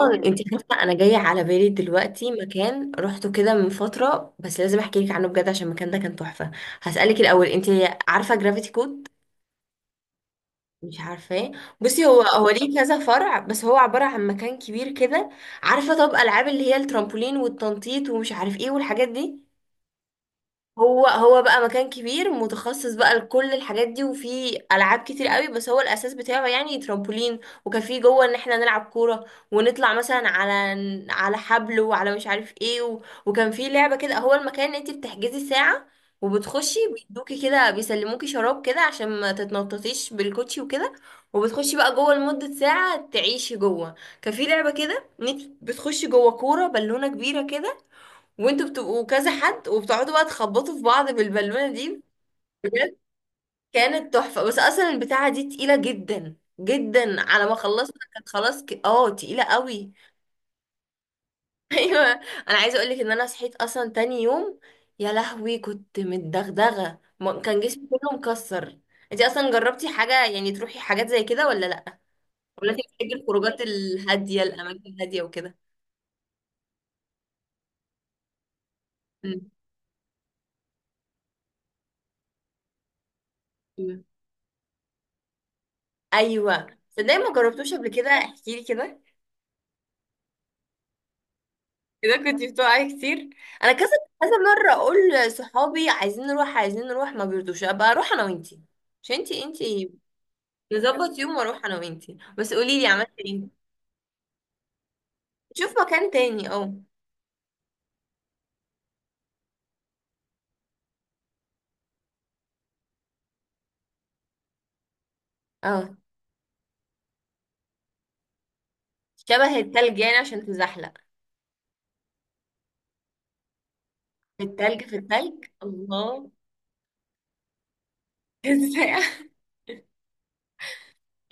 نوران، انت عارفه انا جايه على بالي دلوقتي مكان روحته كده من فتره، بس لازم احكي لك عنه بجد عشان المكان ده كان تحفه. هسالك الاول، انت عارفه جرافيتي كود؟ مش عارفاه. بصي، هو ليه كذا فرع، بس هو عباره عن مكان كبير كده. عارفه طب العاب اللي هي الترامبولين والتنطيط ومش عارف ايه والحاجات دي؟ هو بقى مكان كبير متخصص بقى لكل الحاجات دي، وفي العاب كتير قوي، بس هو الاساس بتاعه يعني ترامبولين، وكان فيه جوه ان احنا نلعب كوره، ونطلع مثلا على حبل وعلى مش عارف ايه وكان فيه لعبه كده، هو المكان ان انت بتحجزي ساعه وبتخشي، بيدوكي كده بيسلموكي شراب كده عشان ما تتنططيش بالكوتشي وكده، وبتخشي بقى جوه لمده ساعه تعيشي جوه. كان في لعبه كده، إن إنتي بتخشي جوه كوره بالونه كبيره كده، وانتوا بتبقوا كذا حد، وبتقعدوا بقى تخبطوا في بعض بالبالونه دي. بجد كانت تحفه، بس اصلا البتاعه دي تقيله جدا جدا، على ما خلصنا كانت خلاص ك... اه تقيله قوي. ايوه. انا عايزه اقول لك ان انا صحيت اصلا تاني يوم، يا لهوي كنت متدغدغه كان جسمي كله مكسر. انت اصلا جربتي حاجه، يعني تروحي حاجات زي كده ولا لا؟ ولا انت بتحبي الخروجات الهاديه، الاماكن الهاديه وكده؟ مم. مم. ايوه. صدقني ما جربتوش قبل كده، احكي لي كده. اذا كنت بتوعي كتير، انا كذا كذا مره اقول لصحابي عايزين نروح عايزين نروح ما بيرضوش، ابقى اروح انا وانتي. مش انتي، انتي نظبط يوم واروح انا وانتي، بس قولي لي عملت ايه. شوف مكان تاني اه. اه، شبه التلج يعني عشان تزحلق. في التلج في التلج، الله. كان ساقع.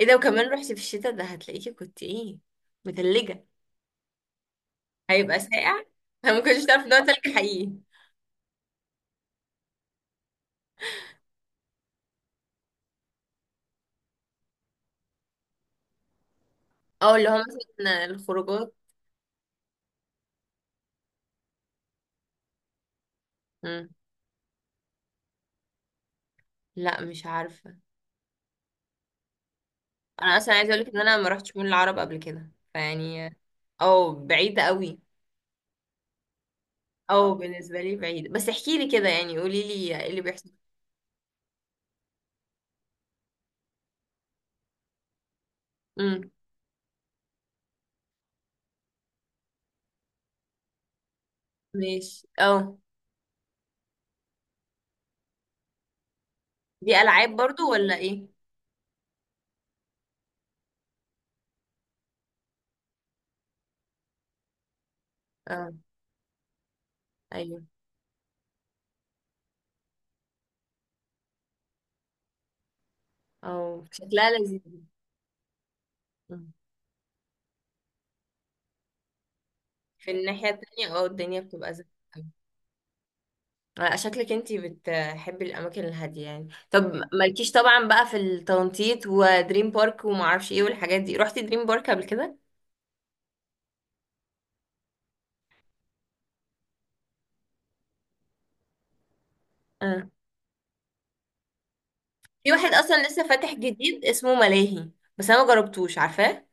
ايه ده؟ وكمان رحتي في الشتاء؟ ده هتلاقيكي كنت ايه، متلجة. هيبقى ساقع. انا ما كنتش تعرف ان هو تلج حقيقي. اه، اللي هو مثلا الخروجات. مم. لا مش عارفة. انا اصلا عايزه اقولك ان انا ما رحتش مول العرب قبل كده فيعني، او بعيده قوي، او بالنسبه لي بعيده، بس احكي لي كده يعني، قولي لي ايه اللي بيحصل. امم ماشي او. دي العاب برضو ولا ايه؟ اه. ايوه او شكلها لذيذ. مم. في الناحيه التانية، اه، الدنيا بتبقى زحمه. أوي. آه، شكلك انتي بتحبي الاماكن الهاديه يعني. طب مالكيش طبعا بقى في التنطيط ودريم بارك وما اعرفش ايه والحاجات دي؟ رحتي دريم بارك قبل كده؟ اه، في واحد اصلا لسه فاتح جديد اسمه ملاهي، بس انا ما جربتوش، عارفاه؟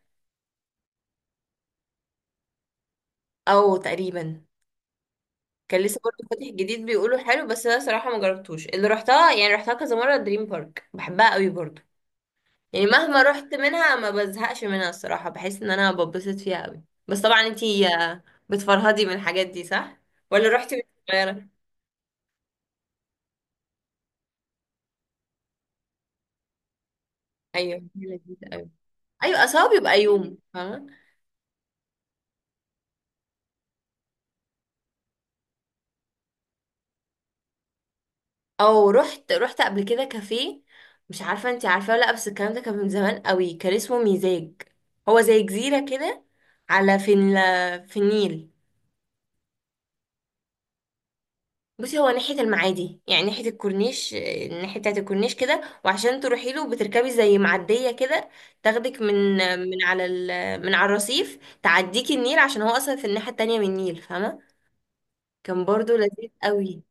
او تقريبا. كان لسه برضه فاتح جديد، بيقولوا حلو، بس انا صراحه ما جربتوش. اللي رحتها يعني رحتها كذا مره دريم بارك، بحبها قوي برضه. يعني مهما رحت منها ما بزهقش منها الصراحه، بحس ان انا ببسط فيها قوي. بس طبعا انتي بتفرهدي من الحاجات دي، صح؟ ولا رحتي وانتي صغيره؟ ايوه، هي لذيذه قوي. ايوه اصلا هو بيبقى يوم، فاهمه؟ او، رحت قبل كده كافيه. مش عارفه انت عارفه ولا لا، بس الكلام ده كان من زمان قوي، كان اسمه ميزاج. هو زي جزيره كده، على في النيل. بصي، هو ناحيه المعادي، يعني ناحيه الكورنيش، الناحيه بتاعه الكورنيش كده، وعشان تروحي له بتركبي زي معديه كده، تاخدك من من على الرصيف، تعديكي النيل عشان هو اصلا في الناحيه التانية من النيل، فاهمه؟ كان برضو لذيذ قوي.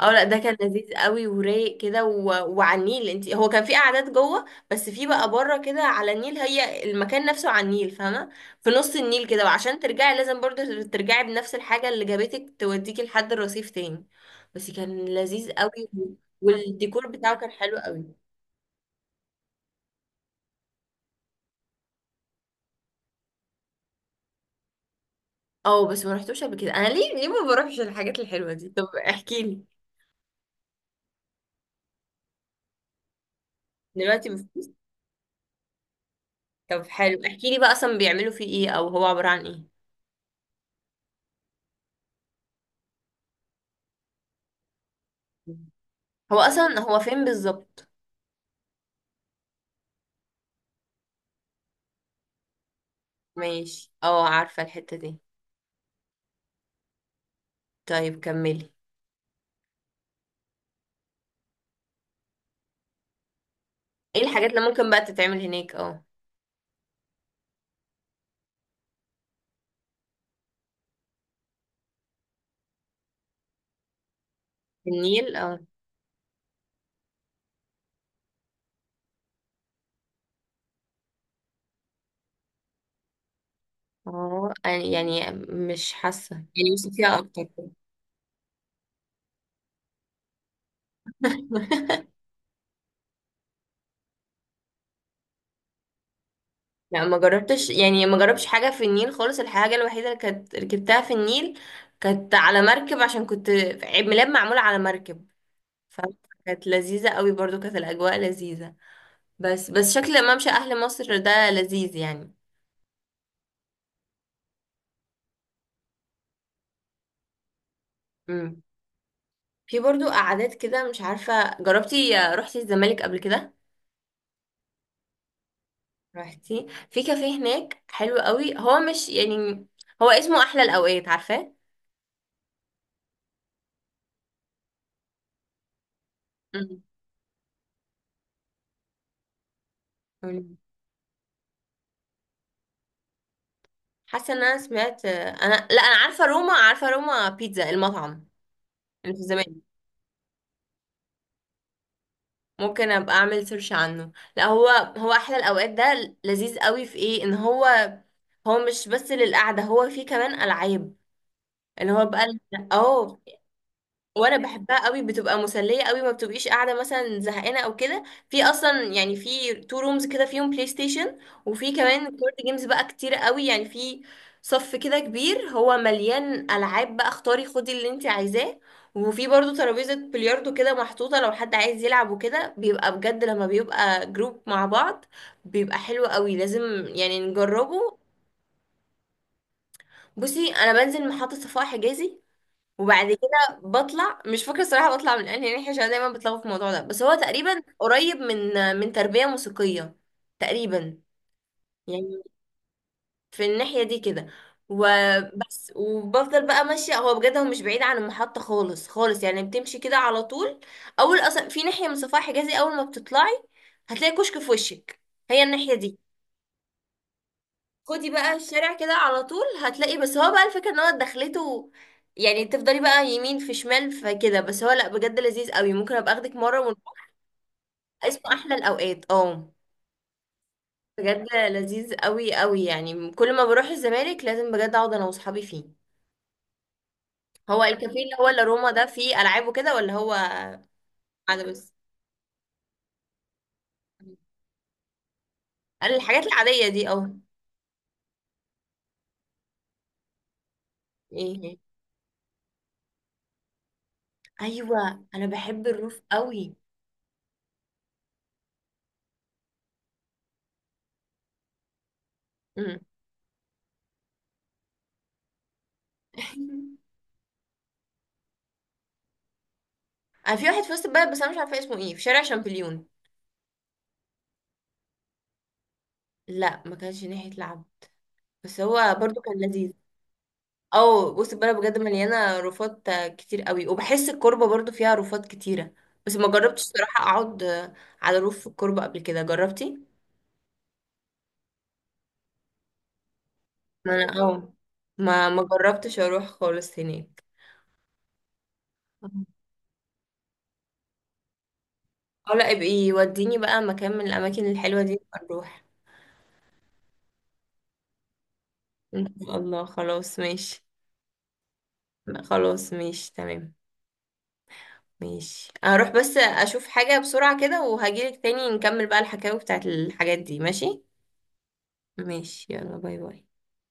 اه، لا، ده كان لذيذ قوي ورايق كده وعلى النيل. انت هو كان في قعدات جوه، بس في بقى بره كده على النيل، هي المكان نفسه على النيل، فاهمه؟ في نص النيل كده، وعشان ترجعي لازم برضه ترجعي بنفس الحاجه اللي جابتك توديكي لحد الرصيف تاني. بس كان لذيذ قوي والديكور بتاعه كان حلو قوي. اه، بس ما رحتوش قبل كده. انا ليه ما بروحش الحاجات الحلوه دي؟ طب احكي لي. دلوقتي بفلوس. طب حلو، احكي لي بقى اصلا بيعملوا فيه ايه، او هو عباره عن ايه. هو اصلا هو فين بالظبط؟ ماشي اه، عارفة الحتة دي. طيب كملي. ايه الحاجات اللي ممكن بقى تتعمل هناك اه. في النيل اه. اه، يعني مش حاسة، يعني مش فيها اكتر. لا ما جربتش يعني، ما جربتش حاجة في النيل خالص. الحاجة الوحيدة اللي كانت ركبتها في النيل كانت على مركب عشان كنت عيد ميلاد معمول على مركب، فكانت لذيذة قوي برضو، كانت الأجواء لذيذة. بس شكل ممشى أهل مصر ده لذيذ يعني. امم في برضو قعدات كده، مش عارفة جربتي، رحتي الزمالك قبل كده؟ رحتي في كافيه هناك حلو قوي، هو مش يعني، هو اسمه احلى الاوقات، عارفاه؟ مم. مم. حاسه ان انا سمعت، انا لا انا عارفه روما، عارفه روما بيتزا المطعم اللي في زمان. ممكن ابقى اعمل سيرش عنه. لا، هو هو احلى الاوقات ده لذيذ قوي، في ايه ان هو، هو مش بس للقعده، هو فيه كمان العاب اللي هو بقى. اه، وانا بحبها قوي، بتبقى مسليه قوي، ما بتبقيش قاعده مثلا زهقانه او كده. في اصلا يعني في تو رومز كده فيهم بلاي ستيشن، وفي كمان كارد جيمز بقى كتير قوي، يعني في صف كده كبير، هو مليان العاب بقى، اختاري خدي اللي انت عايزاه. وفي برضو ترابيزه بلياردو كده محطوطه لو حد عايز يلعب وكده، بيبقى بجد لما بيبقى جروب مع بعض بيبقى حلو قوي، لازم يعني نجربه. بصي، انا بنزل محطه صفاء حجازي، وبعد كده بطلع، مش فاكره الصراحه بطلع من انهي ناحيه عشان دايما بتلخبط في الموضوع ده، بس هو تقريبا قريب من تربيه موسيقيه تقريبا، يعني في الناحيه دي كده و... وبفضل بقى ماشيه. هو بجد هو مش بعيد عن المحطه خالص خالص، يعني بتمشي كده على طول. اول اصلا في ناحيه من صفاح حجازي اول ما بتطلعي هتلاقي كشك في وشك، هي الناحيه دي. خدي بقى الشارع كده على طول هتلاقي، بس هو بقى الفكرة ان هو دخلته، يعني تفضلي بقى يمين في شمال فكده. بس هو، لا، بجد لذيذ قوي، ممكن ابقى اخدك مرة ونروح. اسمه احلى الاوقات اه. بجد لذيذ قوي قوي، يعني كل ما بروح الزمالك لازم بجد اقعد انا واصحابي فيه. هو الكافيه اللي روما ده فيه العاب وكده ولا هو قاعدة؟ بس الحاجات العادية دي اه. ايه؟ ايوه، انا بحب الروف قوي. امم أنا في واحد في وسط البلد، بس انا مش عارفه اسمه ايه، في شارع شامبليون. لا ما كانش ناحية لعب، بس هو برضو كان لذيذ. او بص، البلد بجد مليانة رفات كتير قوي، وبحس الكوربة برضو فيها رفات كتيرة. بس ما جربتش صراحة اقعد على روف في الكوربة قبل كده، جربتي؟ ما انا اه، ما جربتش اروح خالص هناك. اه، لا ابقي وديني بقى مكان من الاماكن الحلوة دي، نبقى نروح. ان شاء الله، خلاص ماشي. خلاص ماشي تمام. ماشي، هروح بس اشوف حاجة بسرعة كده وهجيلك تاني نكمل بقى الحكاوي بتاعت الحاجات دي، ماشي. ماشي، يلا باي باي.